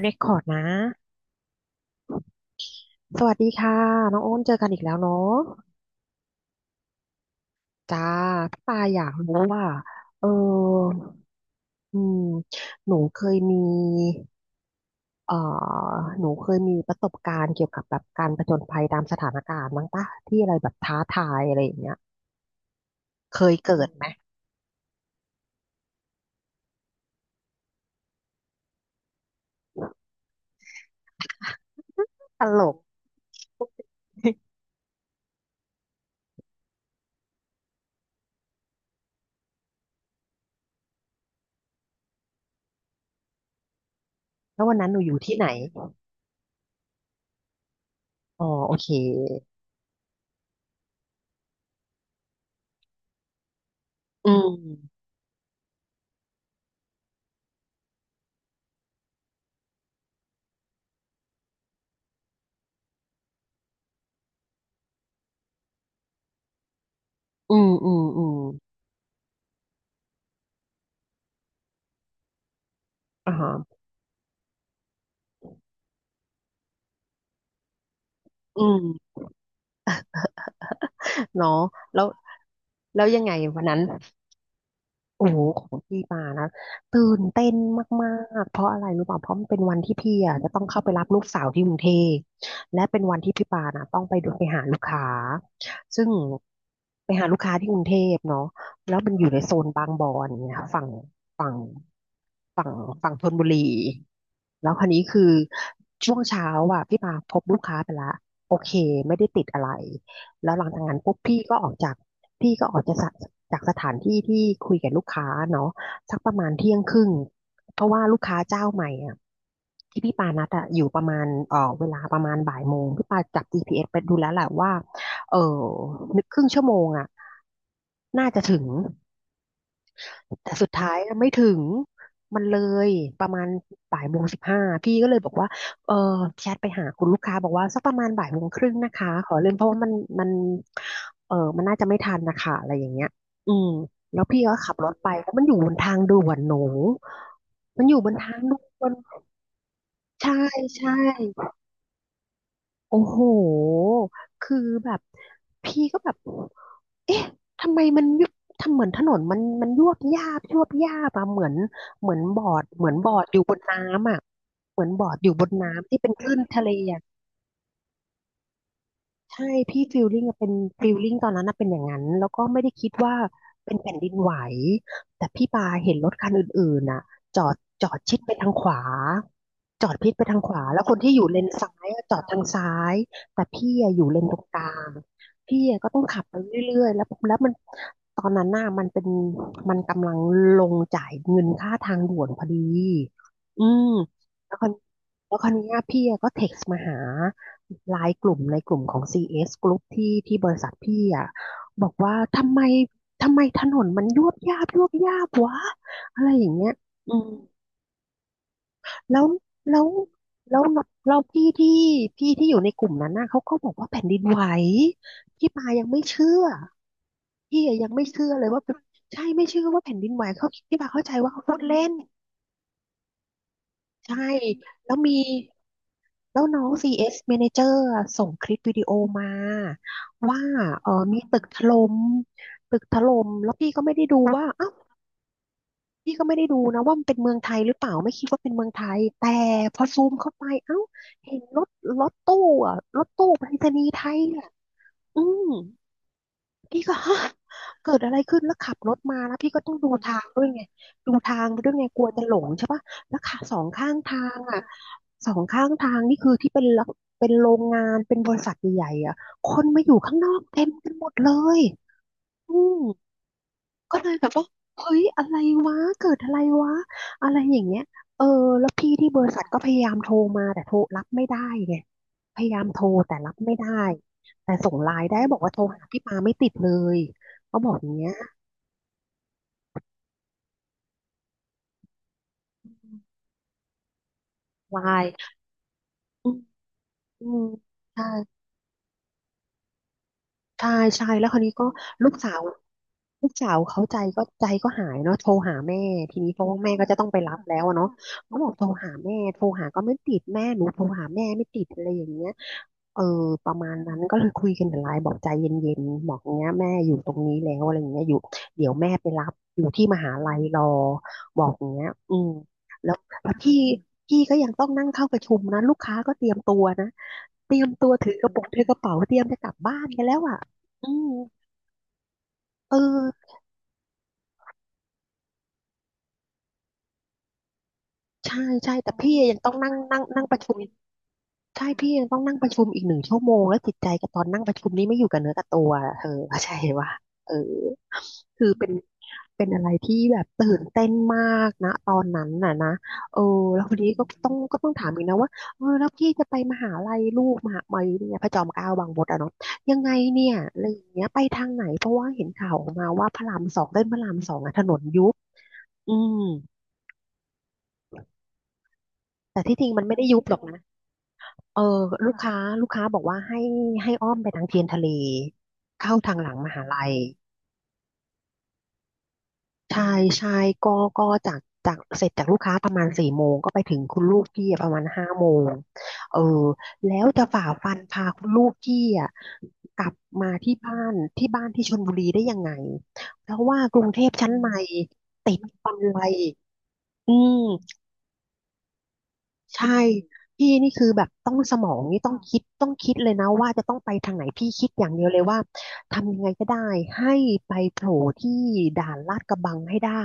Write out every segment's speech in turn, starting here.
เรคคอร์ดนะสวัสดีค่ะน้องโอ้นเจอกันอีกแล้วเนาะจ้าพี่ปาอยากรู้ว่าเอออืมหนูเคยมีเอ่อหนูเคยมีประสบการณ์เกี่ยวกับแบบการผจญภัยตามสถานการณ์บ้างปะที่อะไรแบบท้าทายอะไรอย่างเงี้ยเคยเกิดไหมตลกแล้ววันนั้นหนูอยู่ที่ไหนอ๋อโอเคอืมอืมอืมอืมอ่าฮะอืมเนาะแล้วแล้วยังไงวันนั้น โอ้โหของพี่มานะตื่นเต้นมากๆเพราะอะไรรู้ป่ะเพราะมันเป็นวันที่พี่อ่ะจะต้องเข้าไปรับลูกสาวที่กรุงเทพและเป็นวันที่พี่ปานะต้องไปดูไปหาลูกค้าซึ่งไปหาลูกค้าที่กรุงเทพเนาะแล้วมันอยู่ในโซนบางบอนเนี่ยค่ะฝั่งฝั่งฝั่งธนบุรีแล้วคราวนี้คือช่วงเช้าอ่ะพี่ปาพบลูกค้าไปละโอเคไม่ได้ติดอะไรแล้วหลังจากนั้นปุ๊บพี่ก็ออกจาก พี่ก็ออกจากจากสถานที่ที่คุยกับลูกค้าเนาะสักประมาณเที่ยงครึ่งเพราะว่าลูกค้าเจ้าใหม่อ่ะที่พี่ปานัดอะอยู่ประมาณเวลาประมาณบ่ายโมงพี่ปาจับจีพีเ p s ไปดูแล้วแหละว่าเออนึกครึ่งชั่วโมงอ่ะน่าจะถึง แต่สุดท้ายไม่ถึงมันเลยประมาณบ่ายโมงสิบห้าพี่ก็เลยบอกว่าเออแชทไปหาคุณลูกค้าบอกว่าสักประมาณบ่ายโมงครึ่งนะคะขอเลื่อนเพราะว่ามันมันมันน่าจะไม่ทันนะคะอะไรอย่างเงี้ยอืมแล้วพี่ก็ขับรถไปแล้วมันอยู่บนทางด่วนหนูมันอยู่บนทางด่วนใช่ใช่ โอ้โห คือแบบพี่ก็แบบ เอ๊ะ ทำไมมันยุบทำเหมือนถนนมันยวบยาบยวบยาบอะเหมือนเหมือนบอร์ดเหมือนบอร์ดอยู่บนน้ำอะเหมือนบอร์ดอยู่บนน้ำที่เป็นคลื่นทะเลอะ ใช่พี่ฟีลลิ่งตอนนั้นนะเป็นอย่างนั้นแล้วก็ไม่ได้คิดว่าเป็นแผ่นดินไหวแต่พี่ปาเห็นรถคันอื่นๆน่ะจอดจอดชิดไปทางขวาจอดพิดไปทางขวาแล้วคนที่อยู่เลนซ้ายอะจอดทางซ้ายแต่พี่อะอยู่เลนตรงกลางพี่อะก็ต้องขับไปเรื่อยๆแล้วมันตอนนั้นน่ะมันเป็นมันกำลังลงจ่ายเงินค่าทางด่วนพอดีอืมแล้วคนแล้วคนนี้ยพี่อะก็เท็กซ์มาหา ไลน์กลุ่มในกลุ่มของ CS Group ที่ที่บริษัทพี่อ่ะบอกว่าทำไมถนนมันยวบยาบยวบยาบวะอะไรอย่างเงี้ยอืมแล้วแล้วแล้วเราพี่ที่อยู่ในกลุ่มนั้นน่ะเขาก็บอกว่าแผ่นดินไหวพี่ปายังไม่เชื่อพี่อะยังไม่เชื่อเลยว่าเป็นใช่ไม่เชื่อว่าแผ่นดินไหวเขาพี่ปาเข้าใจว่าเขาพูดเล่นใช่แล้วมี แล้วน้อง CS Manager อะส่งคลิปวิดีโอมาว่าเออมีตึกถล่มแล้วพี่ก็ไม่ได้ดูว่าเอ้าพี่ก็ไม่ได้ดูนะว่ามันเป็นเมืองไทยหรือเปล่าไม่คิดว่าเป็นเมืองไทยแต่พอซูมเข้าไปเอ้าเห็นรถตู้รถตู้ไปรษณีย์ไทยอ่ะอืม พี่ก็ ฮะเกิดอะไรขึ้นแล้วขับรถมาแล้วพี่ก็ต้องดูทางไปด้วยไงกลัวจะหลงใช่ปะแล้วขาสองข้างทางนี่คือที่เป็นละเป็นโรงงานเป็นบริษัทใหญ่ๆอ่ะคนมาอยู่ข้างนอกเต็มกันหมดเลยอืม ก็เลยแบบว่าเฮ้ยอะไรวะเกิดอะไรวะอะไรอย่างเงี้ยเออแล้วพี่ที่บริษัทก็พยายามโทรมาแต่โทรรับไม่ได้ไงพยายามโทรแต่รับไม่ได้แต่ส่งไลน์ได้บอกว่าโทรหาพี่ปาไม่ติดเลยเขาบอกอย่างเงี้ยไลน์อืมอืมใช่ใช่ใช่แล้วคราวนี้ก็ลูกสาวลูกสาวเขาใจก็หายเนาะโทรหาแม่ทีนี้เพราะว่าแม่ก็จะต้องไปรับแล้วอะเนาะเขาบอกโทรหาแม่โทรหาก็ไม่ติดแม่หนูโทรหาแม่ไม่ติดอะไรอย่างเงี้ย เออประมาณนั้นก็เลยคุยกันแต่ไลน์บอกใจเย็นๆบอกเนี้ยแม่อยู่ตรงนี้แล้วอะไรอย่างเงี้ยอยู่เดี๋ยวแม่ไปรับอยู่ที่มหาลัยรอบอกอย่างเงี้ยอืมแล้วพี่ก็ยังต้องนั่งเข้าประชุมนะลูกค้าก็เตรียมตัวนะเตรียมตัวถือกระเป๋าเตรียมจะกลับบ้านกันแล้วอ่ะอืมเออใช่ใช่แต่พี่ยังต้องนั่งนั่งนั่งประชุม ใช่พี่ยังต้องนั่งประชุมอีก1 ชั่วโมงแล้วจิตใจกับตอนนั่งประชุมนี้ไม่อยู่กับเนื้อกับตัวอะเธอเข้าใจว่าเออคือเป็นอะไรที่แบบตื่นเต้นมากนะตอนนั้นน่ะนะเออแล้วทีนี้ก็ต้องถามอีกนะว่าเออแล้วพี่จะไปมหาลัยลูกมหาลัยเนี่ยพระจอมเกล้าบางบดอะเนาะยังไงเนี่ยอะไรอย่างเงี้ยไปทางไหนเพราะว่าเห็นข่าวออกมาว่าพระรามสองเส้นพระรามสองอะถนนยุบอืมแต่ที่จริงมันไม่ได้ยุบหรอกนะ เออลูกค้าลูกค้าบอกว่าให้อ้อมไปทางเทียนทะเลเข้าทางหลังมหาลัยใช่ใช่ก็ก็จากจากเสร็จจากลูกค้าประมาณ4 โมงก็ไปถึงคุณลูกพี่อะประมาณ5 โมงเออแล้วจะฝ่าฟันพาคุณลูกพี่อะกลับมาที่บ้านที่ชลบุรีได้ยังไงเพราะว่ากรุงเทพชั้นในติดฟันไลอืม ใช่พี่นี่คือแบบต้องสมองนี่ต้องคิดต้องคิดเลยนะว่าจะต้องไปทางไหนพี่คิดอย่างเดียวเลยว่าทำยังไงก็ได้ให้ไปโผล่ที่ด่านลาดกระบังให้ได้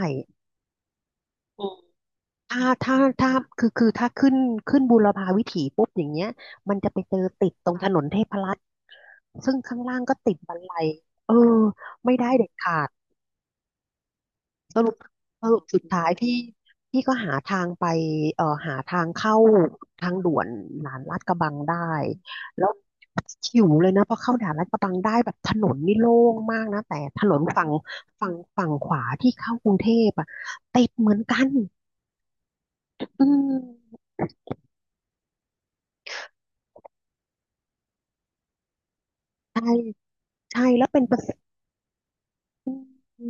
อืมถ้าคือถ้าขึ้นบูรพาวิถีปุ๊บอย่างเงี้ยมันจะไปเจอติดตรงถนนเทพรัตน์ซึ่งข้างล่างก็ติดบันไลเออไม่ได้เด็ดขาด สรุปสรุปสุดท้ายพี่ก็หาทางไปหาทางเข้าทางด่วนหลานลาดกระบังได้แล้วหิวเลยนะพอเข้าด่านลาดกระบังได้แบบถนนนี่โล่งมากนะแต่ถนนฝั่งฝั่งขวาที่เข้ากรุงเทพอะติดเหมือนกันอืมใช่ใช่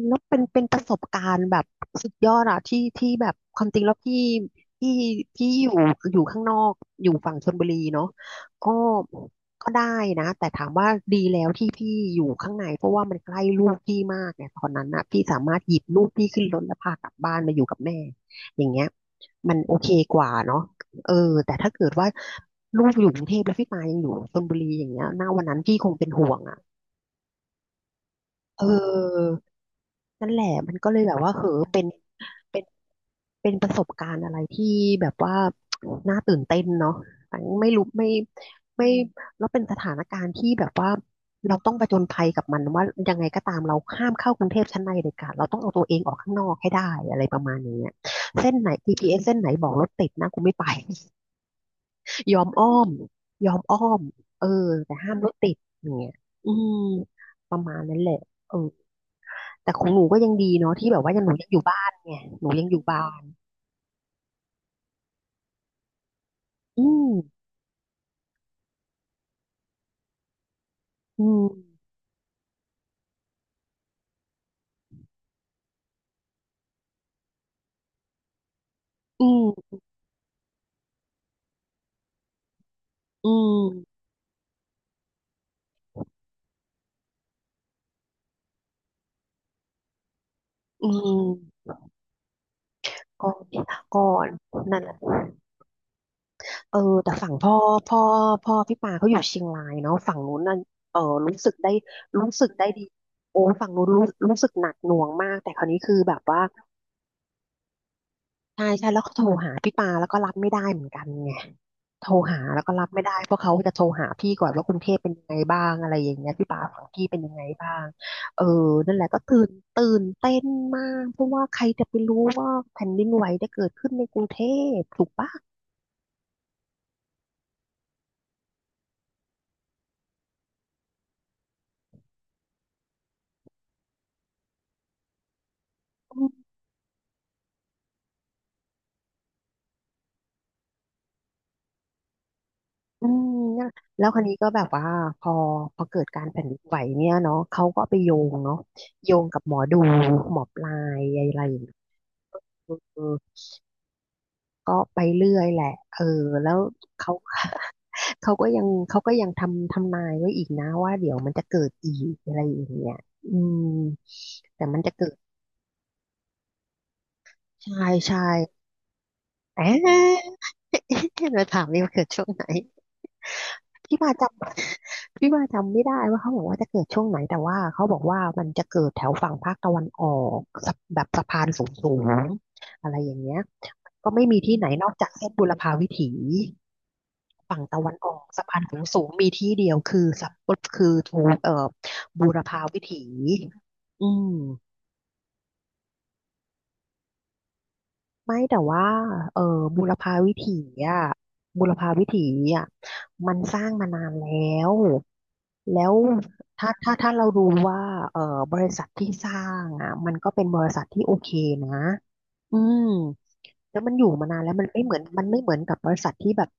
แล้วเป็นประสบการณ์แบบสุดยอดอะที่ที่แบบความจริงแล้วพี่พี่อยู่ข้างนอกอยู่ฝั่งชลบุรีเนาะก็ก็ได้นะแต่ถามว่าดีแล้วที่พี่อยู่ข้างในเพราะว่ามันใกล้ลูกพี่มากเนี่ยตอนนั้นนะพี่สามารถหยิบลูกพี่ขึ้นรถแล้วพากลับบ้านมาอยู่กับแม่อย่างเงี้ยมันโอเคกว่าเนาะเออแต่ถ้าเกิดว่าลูกอยู่กรุงเทพแล้วพี่ปายังอยู่ชลบุรีอย่างเงี้ยหน้าวันนั้นพี่คงเป็นห่วงอะเออ นั่นแหละมันก็เลยแบบว่าเหอเป็นเป็นเป็นประสบการณ์อะไรที่แบบว่า น่าตื่นเต้นเนาะต่ไม่รู้ไม่ไม่แล้วเป็นสถานการณ์ที่แบบว่าเราต้องผจญภัยกับมันว่ายังไงก็ตามเราห้ามเข้ากรุงเทพชั้นในเด็ดขาดเราต้องเอาตัวเองออกข้างนอกให้ได้อะไรประมาณอย่างเงี้ยเส้นไหน GPS เอสเส้นไหนบอกรถติดนะกูไม่ไป ยอมอ้อมยอมอ้อมเออแต่ห้ามรถติดอย่างเงี้ยอืมประมาณนั้นแหละเออ แต่ของหนูก็ยังดีเนาะที่แบบว่ายังหนูยังอยู่บ้านไงหนูยังอยู่บ้านอืมอืมอืมอืมอืมก่อนก่อนนั่นแหละเออแต่ฝั่งพ่อพ่อพ่อพี่ปาเขาอยู่เชียงรายเนาะฝั่งนู้นน่ะเออรู้สึกได้รู้สึกได้ดีโอ้ฝั่งนู้นรู้สึกหนักหน่วงมากแต่คราวนี้คือแบบว่าใช่ใช่แล้วเขาโทรหาพี่ปาแล้วก็รับไม่ได้เหมือนกันไง โทรหาแล้วก็รับไม่ได้เพราะเขาจะโทรหาพี่ก่อนว่ากรุงเทพเป็นยังไงบ้างอะไรอย่างเงี้ยพี่ป่าฝั่งพี่เป็นยังไงบ้างเออนั่นแหละก็ตื่นเต้นมากเพราะว่าใครจะไปรู้ว่าแผ่นดินไหวจะเกิดขึ้นในกรุงเทพถูกปะอืมอเนี่ยแล้วคราวนี้ก็แบบว่าพอเกิดการแผ่นดินไหวเนี่ยเนาะเขาก็ไปโยงเนาะโยงกับหมอดูหมอปลายอะไรอย่างเงี้ยเออ ก็ไปเรื่อยแหละเออแล้วเขา เขาก็ยังเขาก็ยังทำนายไว้อีกนะว่าเดี๋ยวมันจะเกิดอีกอะไรอย่างเงี้ยอืมแต่มันจะเกิดใช่ใช่แอะ มาถามนี่ว่าเกิดช่วงไหนพี่มาจำพี่มาจำไม่ได้ว่าเขาบอกว่าจะเกิดช่วงไหนแต่ว่าเขาบอกว่ามันจะเกิดแถวฝั่งภาคตะวันออกสะแบบสะพานสูงๆอะไรอย่างเงี้ยก็ไม่มีที่ไหนนอกจากเส้นบุรพาวิถี ฝั่งตะวันออกสะพานขูงสูงมีที่เดียวคือสับคือทูเอ่อบูรพาวิถีอืมไม่แต่ว่าเออบูรพาวิถีอ่ะบูรพาวิถีอ่ะมันสร้างมานานแล้วแล้วถ้าเราดูว่าเออบริษัทที่สร้างอ่ะมันก็เป็นบริษัทที่โอเคนะอืม แล้วมันอยู่มานานแล้วมันไม่เหมือนกับบริษัทที่แบบ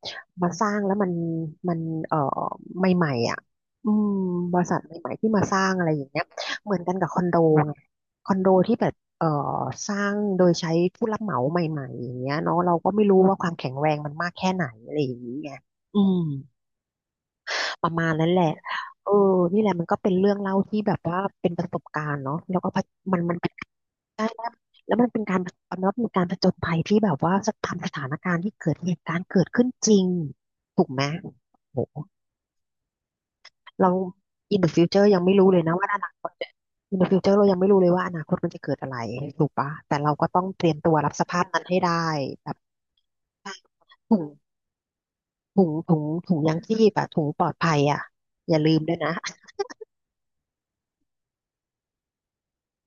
มาสร้างแล้วมันเอ่อใหม่ๆอ่ะอืมบริษัทใหม่ๆที่มาสร้างอะไรอย่างเงี้ยเหมือนกันกับคอนโดไงคอนโดที่แบบสร้างโดยใช้ผู้รับเหมาใหม่ๆอย่างเงี้ยเนาะเราก็ไม่รู้ว่าความแข็งแรงมันมากแค่ไหนอะไรอย่างนี้ไงอืมประมาณนั้นแหละเออนี่แหละมันก็เป็นเรื่องเล่าที่แบบว่าเป็นประสบการณ์เนาะแล้วก็มันเป็น ใช่แล้วมันเป็นการเอาเนับเป็นการผจญภัยที่แบบว่าจะทำสถานการณ์ที่เกิดเหตุการณ์เกิดขึ้นจริงถูกไหมโหเรา in the future ยังไม่รู้เลยนะว่าอนาคต in the future เรายังไม่รู้เลยว่าอนาคตมันจะเกิดอะไรถูกปะแต่เราก็ต้องเตรียมตัวรับสภาพนั้นให้ได้แบบถุงถุงยังชีพอะถุงปลอดภัยอะอย่าลืมด้วยนะ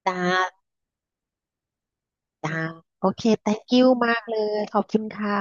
จ้าจ้าโอเค thank you มากเลยขอบคุณค่ะ